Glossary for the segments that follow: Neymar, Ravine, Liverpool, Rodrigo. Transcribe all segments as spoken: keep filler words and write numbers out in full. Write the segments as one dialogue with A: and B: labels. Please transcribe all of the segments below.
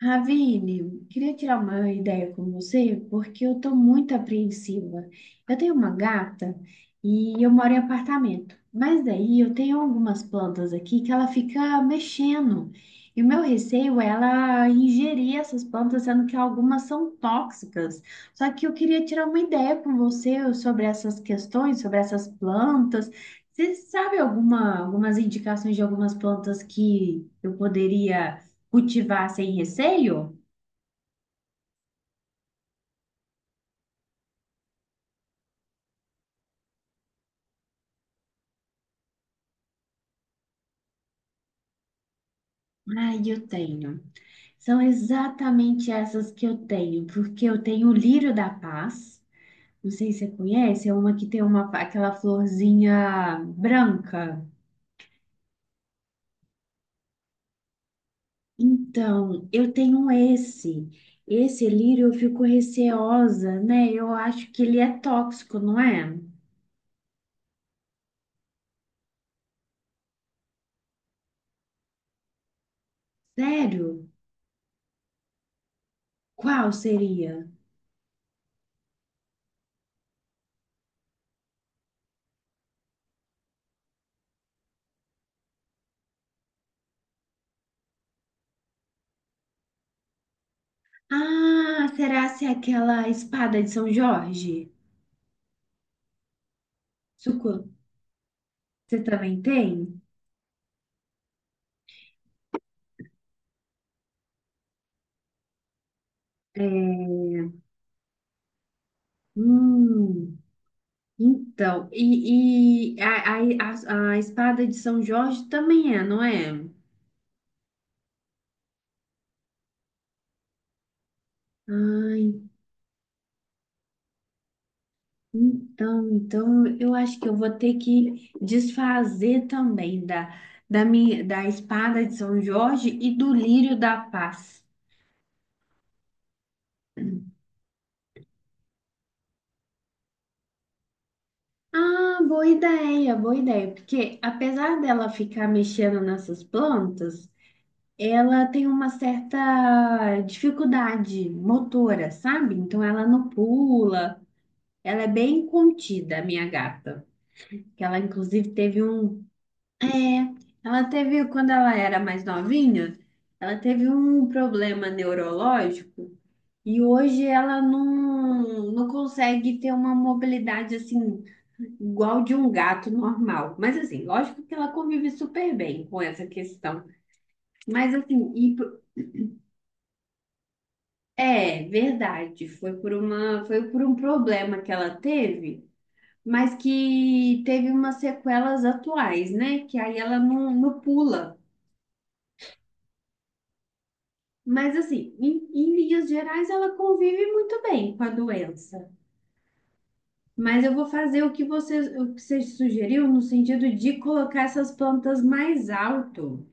A: Ravine, queria tirar uma ideia com você, porque eu estou muito apreensiva. Eu tenho uma gata e eu moro em apartamento, mas daí eu tenho algumas plantas aqui que ela fica mexendo. E o meu receio é ela ingerir essas plantas, sendo que algumas são tóxicas. Só que eu queria tirar uma ideia com você sobre essas questões, sobre essas plantas. Você sabe alguma, algumas indicações de algumas plantas que eu poderia cultivar sem receio? Ai, eu tenho. São exatamente essas que eu tenho, porque eu tenho o lírio da paz. Não sei se você conhece, é uma que tem uma, aquela florzinha branca. Então, eu tenho esse. Esse lírio eu fico receosa, né? Eu acho que ele é tóxico, não é? Sério? Qual seria? Ah, será se é aquela espada de São Jorge? Suco, você também tem? É, hum, então, e, e a, a, a, a espada de São Jorge também é, não é? Ai, então, então eu acho que eu vou ter que desfazer também da, da, minha, da espada de São Jorge e do lírio da paz. Ah, boa ideia, boa ideia, porque apesar dela ficar mexendo nessas plantas, ela tem uma certa dificuldade motora, sabe? Então ela não pula, ela é bem contida, a minha gata. Que ela inclusive teve um, é, ela teve quando ela era mais novinha, ela teve um problema neurológico e hoje ela não não consegue ter uma mobilidade assim igual de um gato normal. Mas assim, lógico que ela convive super bem com essa questão. Mas assim, e é, verdade. Foi por uma, foi por um problema que ela teve, mas que teve umas sequelas atuais, né? Que aí ela não, não pula. Mas assim, em, em linhas gerais, ela convive muito bem com a doença. Mas eu vou fazer o que você, o que você sugeriu no sentido de colocar essas plantas mais alto.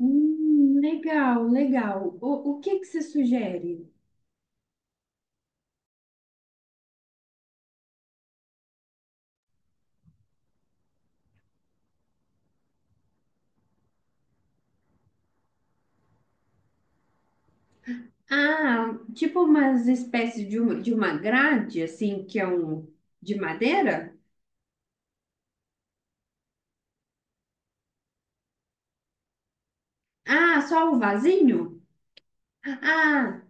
A: Hum, legal, legal. O, o que que você sugere? Ah, tipo umas espécies de uma, de uma grade, assim, que é um de madeira? Ah, só o vasinho? Ah,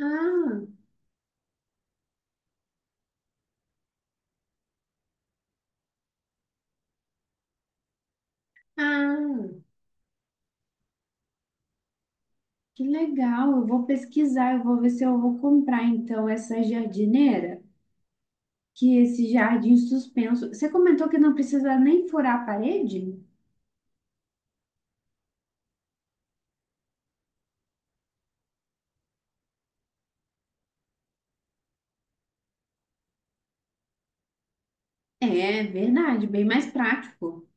A: ah, ah, que legal. Eu vou pesquisar, eu vou ver se eu vou comprar então essa jardineira, que esse jardim suspenso. Você comentou que não precisa nem furar a parede? É, verdade, bem mais prático.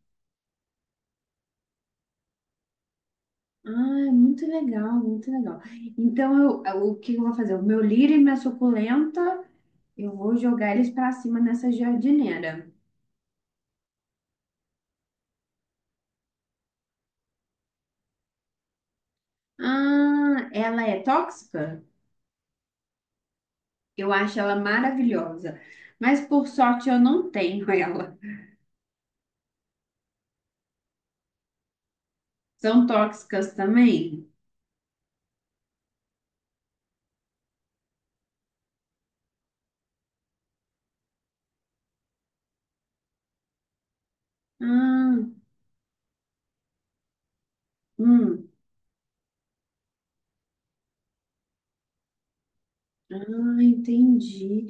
A: Ah, é muito legal, muito legal. Então, eu, o que eu vou fazer? O meu lírio e minha suculenta. Eu vou jogar eles pra cima nessa jardineira. Ah, ela é tóxica? Eu acho ela maravilhosa, mas por sorte eu não tenho ela. São tóxicas também? Ah, hum, ah, entendi.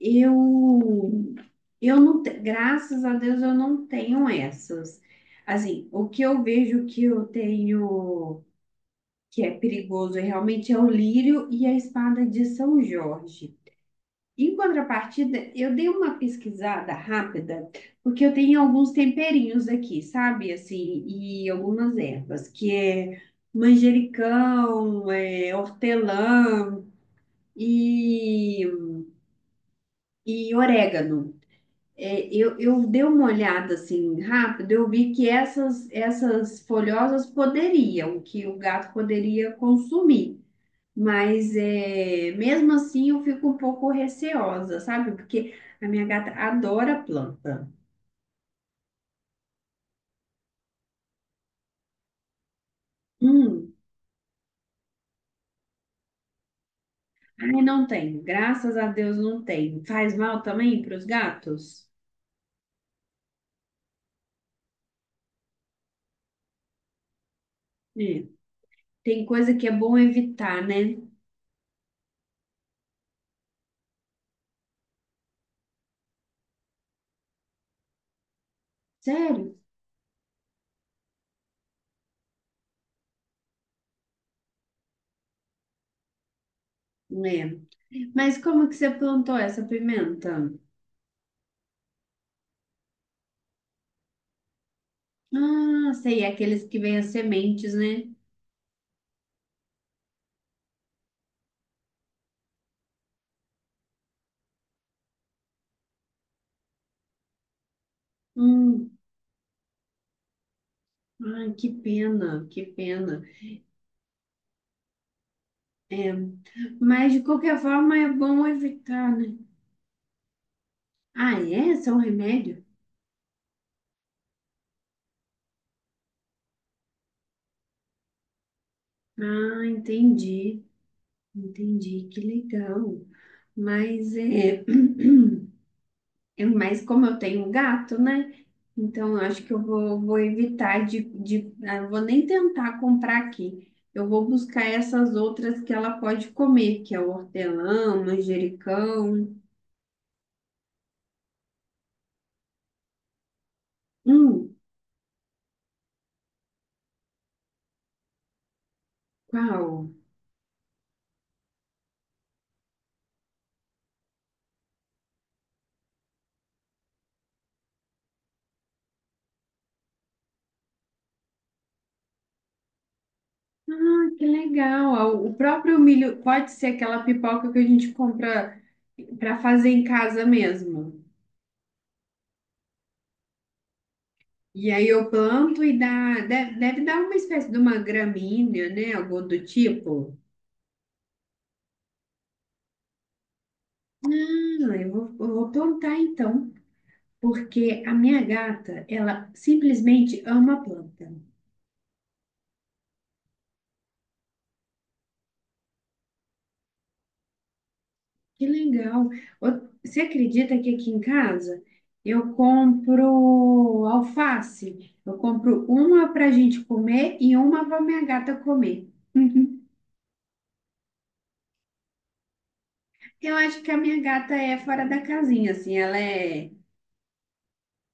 A: Eu, eu não, te- graças a Deus eu não tenho essas. Assim, o que eu vejo que eu tenho que é perigoso é realmente é o lírio e a espada de São Jorge. Em contrapartida, eu dei uma pesquisada rápida, porque eu tenho alguns temperinhos aqui, sabe? Assim, e algumas ervas, que é manjericão, é, hortelã e, e orégano. É, eu, eu dei uma olhada assim rápido, eu vi que essas, essas folhosas poderiam, que o gato poderia consumir. Mas é, mesmo assim eu fico um pouco receosa, sabe? Porque a minha gata adora planta. Hum, ai, não tenho. Graças a Deus não tenho. Faz mal também para os gatos? É. Tem coisa que é bom evitar, né? Sério? É. Mas como que você plantou essa pimenta? Ah, sei, é aqueles que vêm as sementes, né? Hum, ai, que pena, que pena. Mas de qualquer forma é bom evitar, né? Ah, é? São remédios? Ah, entendi, entendi, que legal. Mas é, é mais como eu tenho um gato, né? Então eu acho que eu vou, vou evitar de, de, ah, eu vou nem tentar comprar aqui. Eu vou buscar essas outras que ela pode comer, que é o hortelã, o manjericão. Hum, qual? Ah, que legal. Ah, o próprio milho pode ser aquela pipoca que a gente compra para fazer em casa mesmo. E aí eu planto e dá, deve, deve dar uma espécie de uma gramínea, né? Algo do tipo. Não, eu vou, eu vou plantar então, porque a minha gata, ela simplesmente ama planta. Que legal. Ô, você acredita que aqui em casa eu compro alface? Eu compro uma para a gente comer e uma para minha gata comer. Eu acho que a minha gata é fora da casinha, assim, ela é,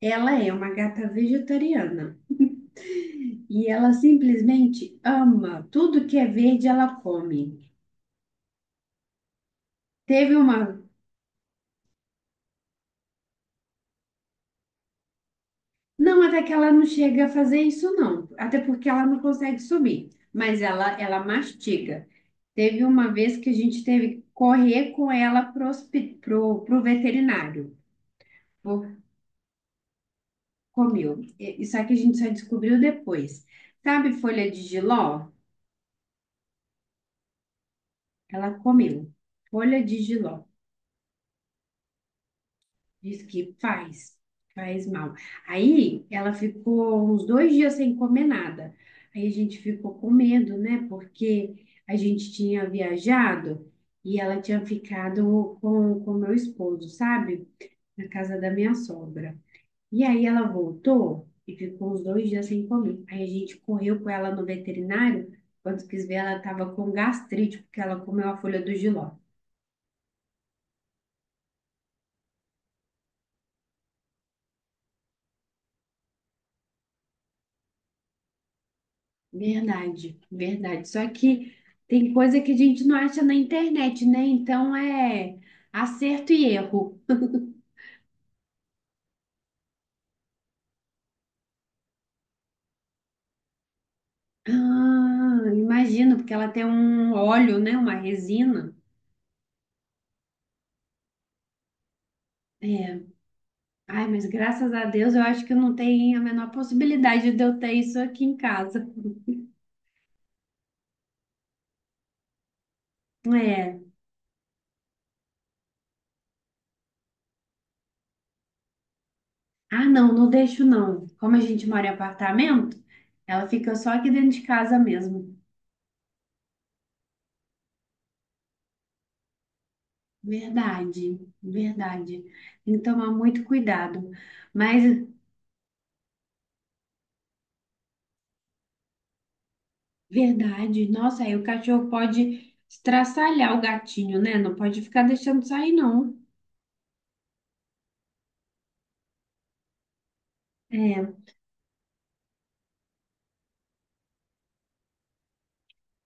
A: ela é uma gata vegetariana. E ela simplesmente ama. Tudo que é verde, ela come. Teve uma. Não, até que ela não chega a fazer isso, não. Até porque ela não consegue subir. Mas ela, ela mastiga. Teve uma vez que a gente teve que correr com ela pro, hospi- pro, pro veterinário. Por- comeu. E- isso aqui a gente só descobriu depois. Sabe folha de jiló? Ela comeu. Folha de jiló. Diz que faz, faz mal. Aí ela ficou uns dois dias sem comer nada. Aí a gente ficou com medo, né? Porque a gente tinha viajado e ela tinha ficado com o meu esposo, sabe? Na casa da minha sogra. E aí ela voltou e ficou uns dois dias sem comer. Aí a gente correu com ela no veterinário. Quando quis ver, ela estava com gastrite, porque ela comeu a folha do jiló. Verdade, verdade. Só que tem coisa que a gente não acha na internet, né? Então é acerto e erro. Ah, imagino, porque ela tem um óleo, né? Uma resina. É. Ai, mas graças a Deus eu acho que não tem a menor possibilidade de eu ter isso aqui em casa. É. Ah, não, não deixo não. Como a gente mora em apartamento, ela fica só aqui dentro de casa mesmo. Verdade, verdade. Tem que tomar muito cuidado. Mas verdade. Nossa, aí o cachorro pode estraçalhar o gatinho, né? Não pode ficar deixando sair, não. É,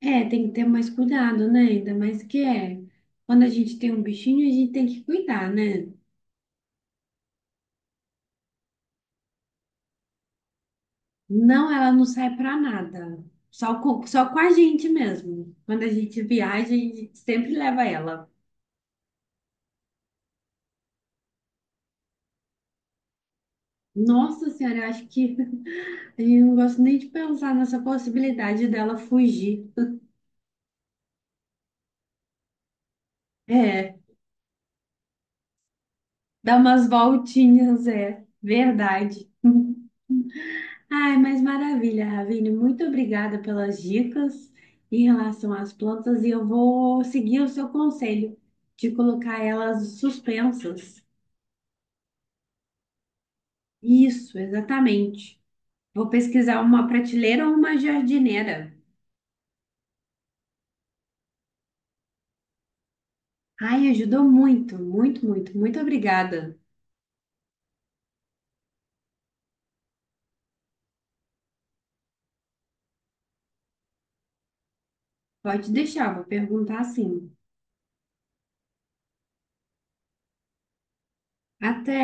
A: é, tem que ter mais cuidado, né? Ainda mais que é. Quando a gente tem um bichinho, a gente tem que cuidar, né? Não, ela não sai pra nada. Só com, só com a gente mesmo. Quando a gente viaja, a gente sempre leva ela. Nossa Senhora, eu acho que a gente não gosta nem de pensar nessa possibilidade dela fugir. É, dar umas voltinhas, é verdade. Ai, mas maravilha, Ravine. Muito obrigada pelas dicas em relação às plantas e eu vou seguir o seu conselho de colocar elas suspensas. Isso, exatamente. Vou pesquisar uma prateleira ou uma jardineira. Ai, ajudou muito, muito, muito, muito obrigada. Pode deixar, vou perguntar sim. Até.